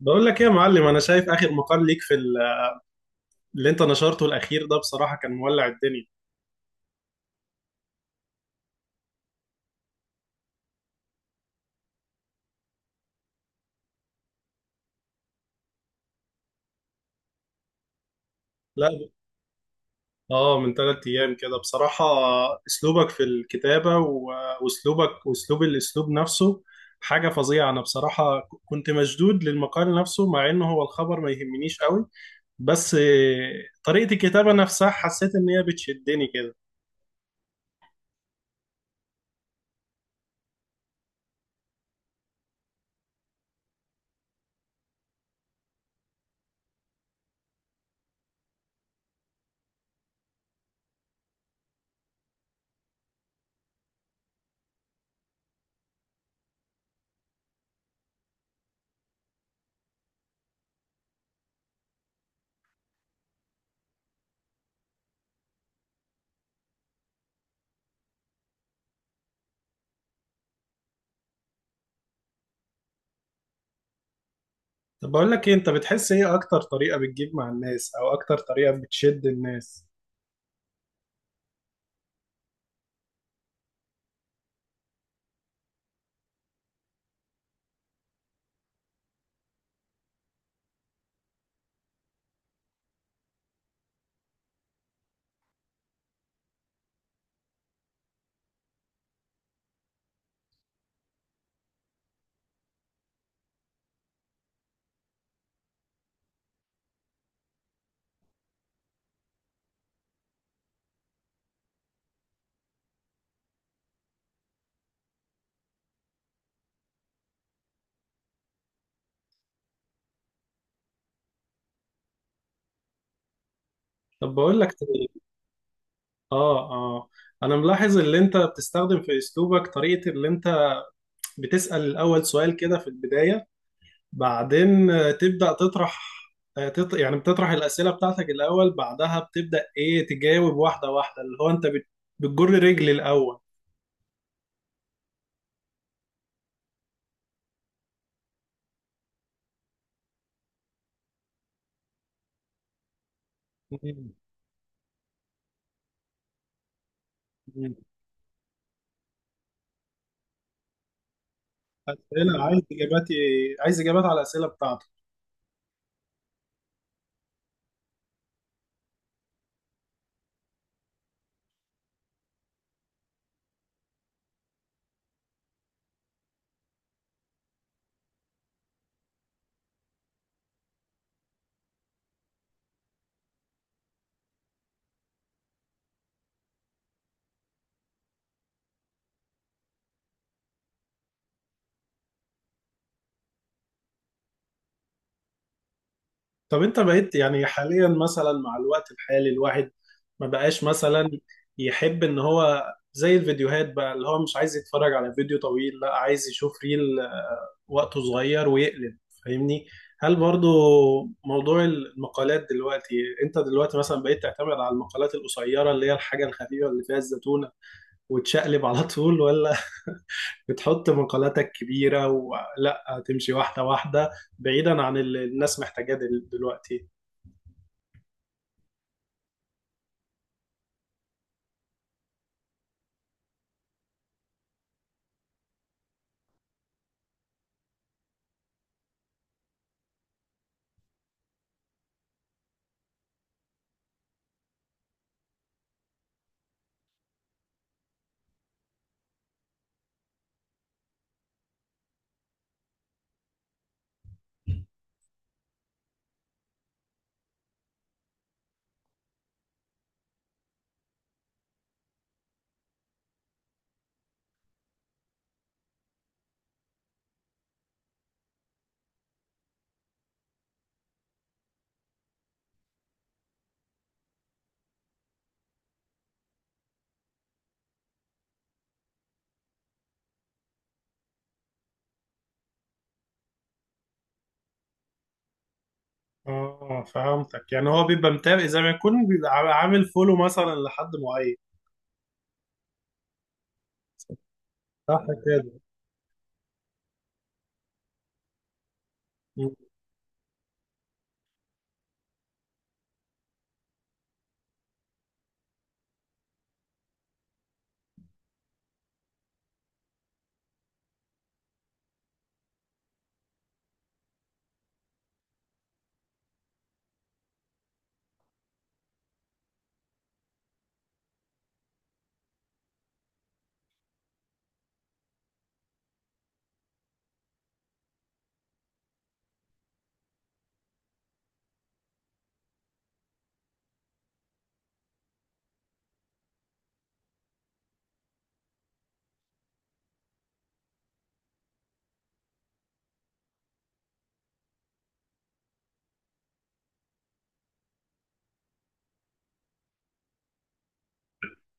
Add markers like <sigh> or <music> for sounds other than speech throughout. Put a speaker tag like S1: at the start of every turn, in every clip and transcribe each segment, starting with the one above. S1: بقول لك ايه يا معلم، انا شايف اخر مقال ليك في اللي انت نشرته الاخير ده، بصراحه كان مولع الدنيا. لا ب- اه، من ثلاث ايام كده بصراحه. اسلوبك في الكتابه و- واسلوبك الاسلوب نفسه حاجه فظيعه. انا بصراحه كنت مشدود للمقال نفسه، مع انه هو الخبر ما يهمنيش قوي، بس طريقه الكتابه نفسها حسيت ان هي بتشدني كده. طب بقول لك ايه، انت بتحس ايه اكتر طريقه بتجيب مع الناس، او اكتر طريقه بتشد الناس؟ طب بقول لك اه اه، انا ملاحظ اللي انت بتستخدم في اسلوبك طريقة اللي انت بتسأل الاول سؤال كده في البداية، بعدين تبدأ تطرح، آه، تط... يعني بتطرح الأسئلة بتاعتك الاول، بعدها بتبدأ ايه تجاوب واحدة واحدة، اللي هو انت بتجر رجل الاول. مم. مم. أسئلة عايز اجاباتي عايز اجابات على الأسئلة بتاعتك. طب انت بقيت يعني حاليا، مثلا مع الوقت الحالي، الواحد ما بقاش مثلا يحب ان هو، زي الفيديوهات بقى، اللي هو مش عايز يتفرج على فيديو طويل، لا عايز يشوف ريل وقته صغير ويقلب، فاهمني؟ هل برضو موضوع المقالات دلوقتي، انت دلوقتي مثلا بقيت تعتمد على المقالات القصيرة اللي هي الحاجة الخفيفة اللي فيها الزتونة وتشقلب على طول، ولا <laughs> بتحط مقالاتك كبيرة ولا تمشي واحدة واحدة، بعيدا عن اللي الناس محتاجاه دلوقتي؟ اه فهمتك، يعني هو بيبقى متابع زي ما يكون بيبقى عامل فولو مثلا لحد معين. صح كده. مم.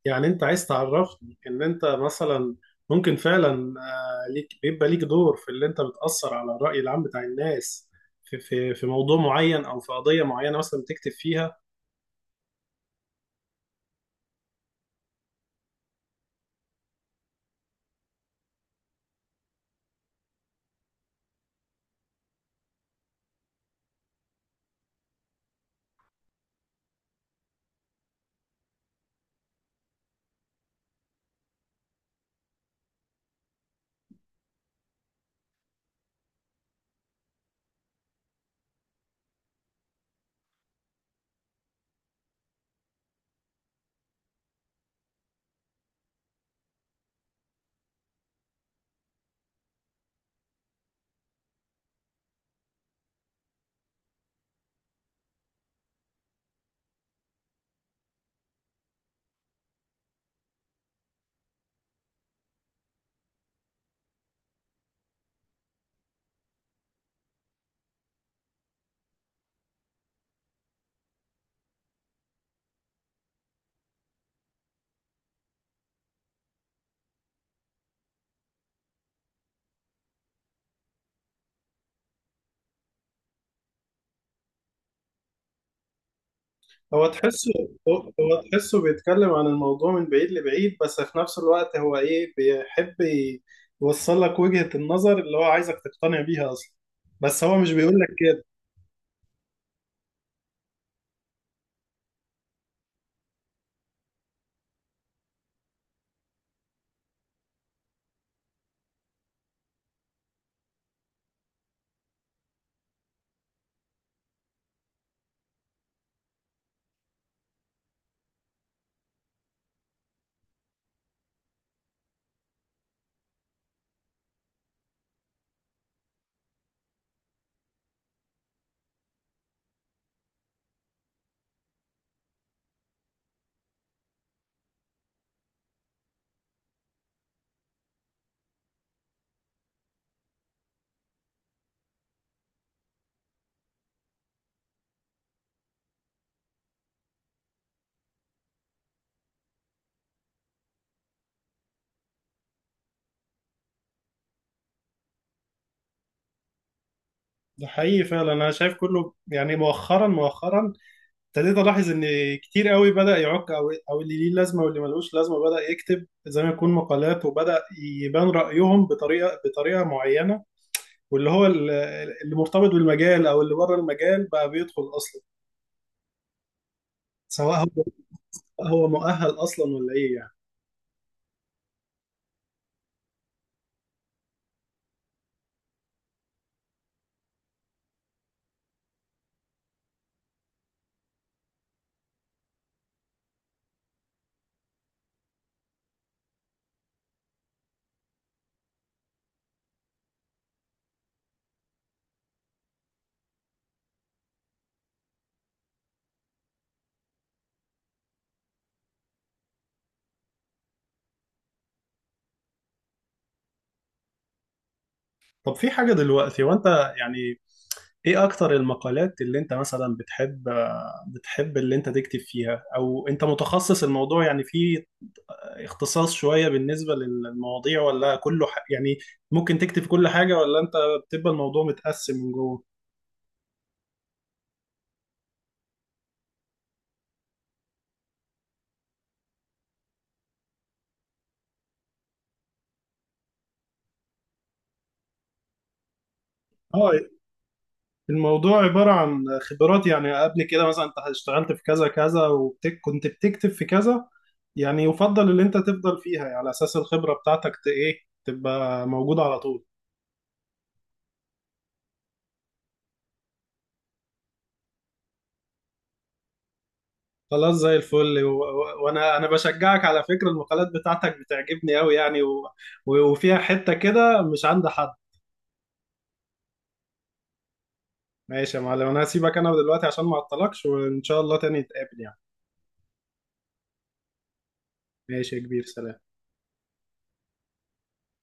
S1: يعني انت عايز تعرفني ان انت مثلا ممكن فعلا، ليك بيبقى ليك دور في اللي انت بتأثر على الرأي العام بتاع الناس في في موضوع معين او في قضية معينة مثلا بتكتب فيها. هو تحسه، هو تحسه بيتكلم عن الموضوع من بعيد لبعيد، بس في نفس الوقت هو ايه بيحب يوصل لك وجهة النظر اللي هو عايزك تقتنع بيها اصلا، بس هو مش بيقول لك كده. ده حقيقي فعلا، انا شايف كله يعني، مؤخرا ابتديت الاحظ ان كتير قوي بدأ يعك، او اللي ليه لازمة واللي ملوش لازمة بدأ يكتب زي ما يكون مقالات، وبدأ يبان رأيهم بطريقة معينة، واللي هو اللي مرتبط بالمجال او اللي بره المجال بقى بيدخل اصلا، سواء هو هو مؤهل اصلا ولا ايه يعني. طب في حاجه دلوقتي وانت يعني، ايه اكتر المقالات اللي انت مثلا بتحب اللي انت تكتب فيها، او انت متخصص الموضوع يعني، في اختصاص شويه بالنسبه للمواضيع ولا كله يعني ممكن تكتب كل حاجه، ولا انت بتبقى الموضوع متقسم من جوه؟ اه، الموضوع عبارة عن خبرات يعني، قبل كده مثلا انت اشتغلت في كذا كذا وكنت بتكتب في كذا، يعني يفضل ان انت تفضل فيها يعني على اساس الخبرة بتاعتك ايه، تبقى موجودة على طول. خلاص زي الفل، وانا بشجعك، على فكرة المقالات بتاعتك بتعجبني قوي يعني، وفيها حتة كده مش عند حد. ماشي يا معلم، انا هسيبك انا دلوقتي عشان ما اعطلكش، وان شاء الله تاني نتقابل يعني. ماشي يا كبير، سلام.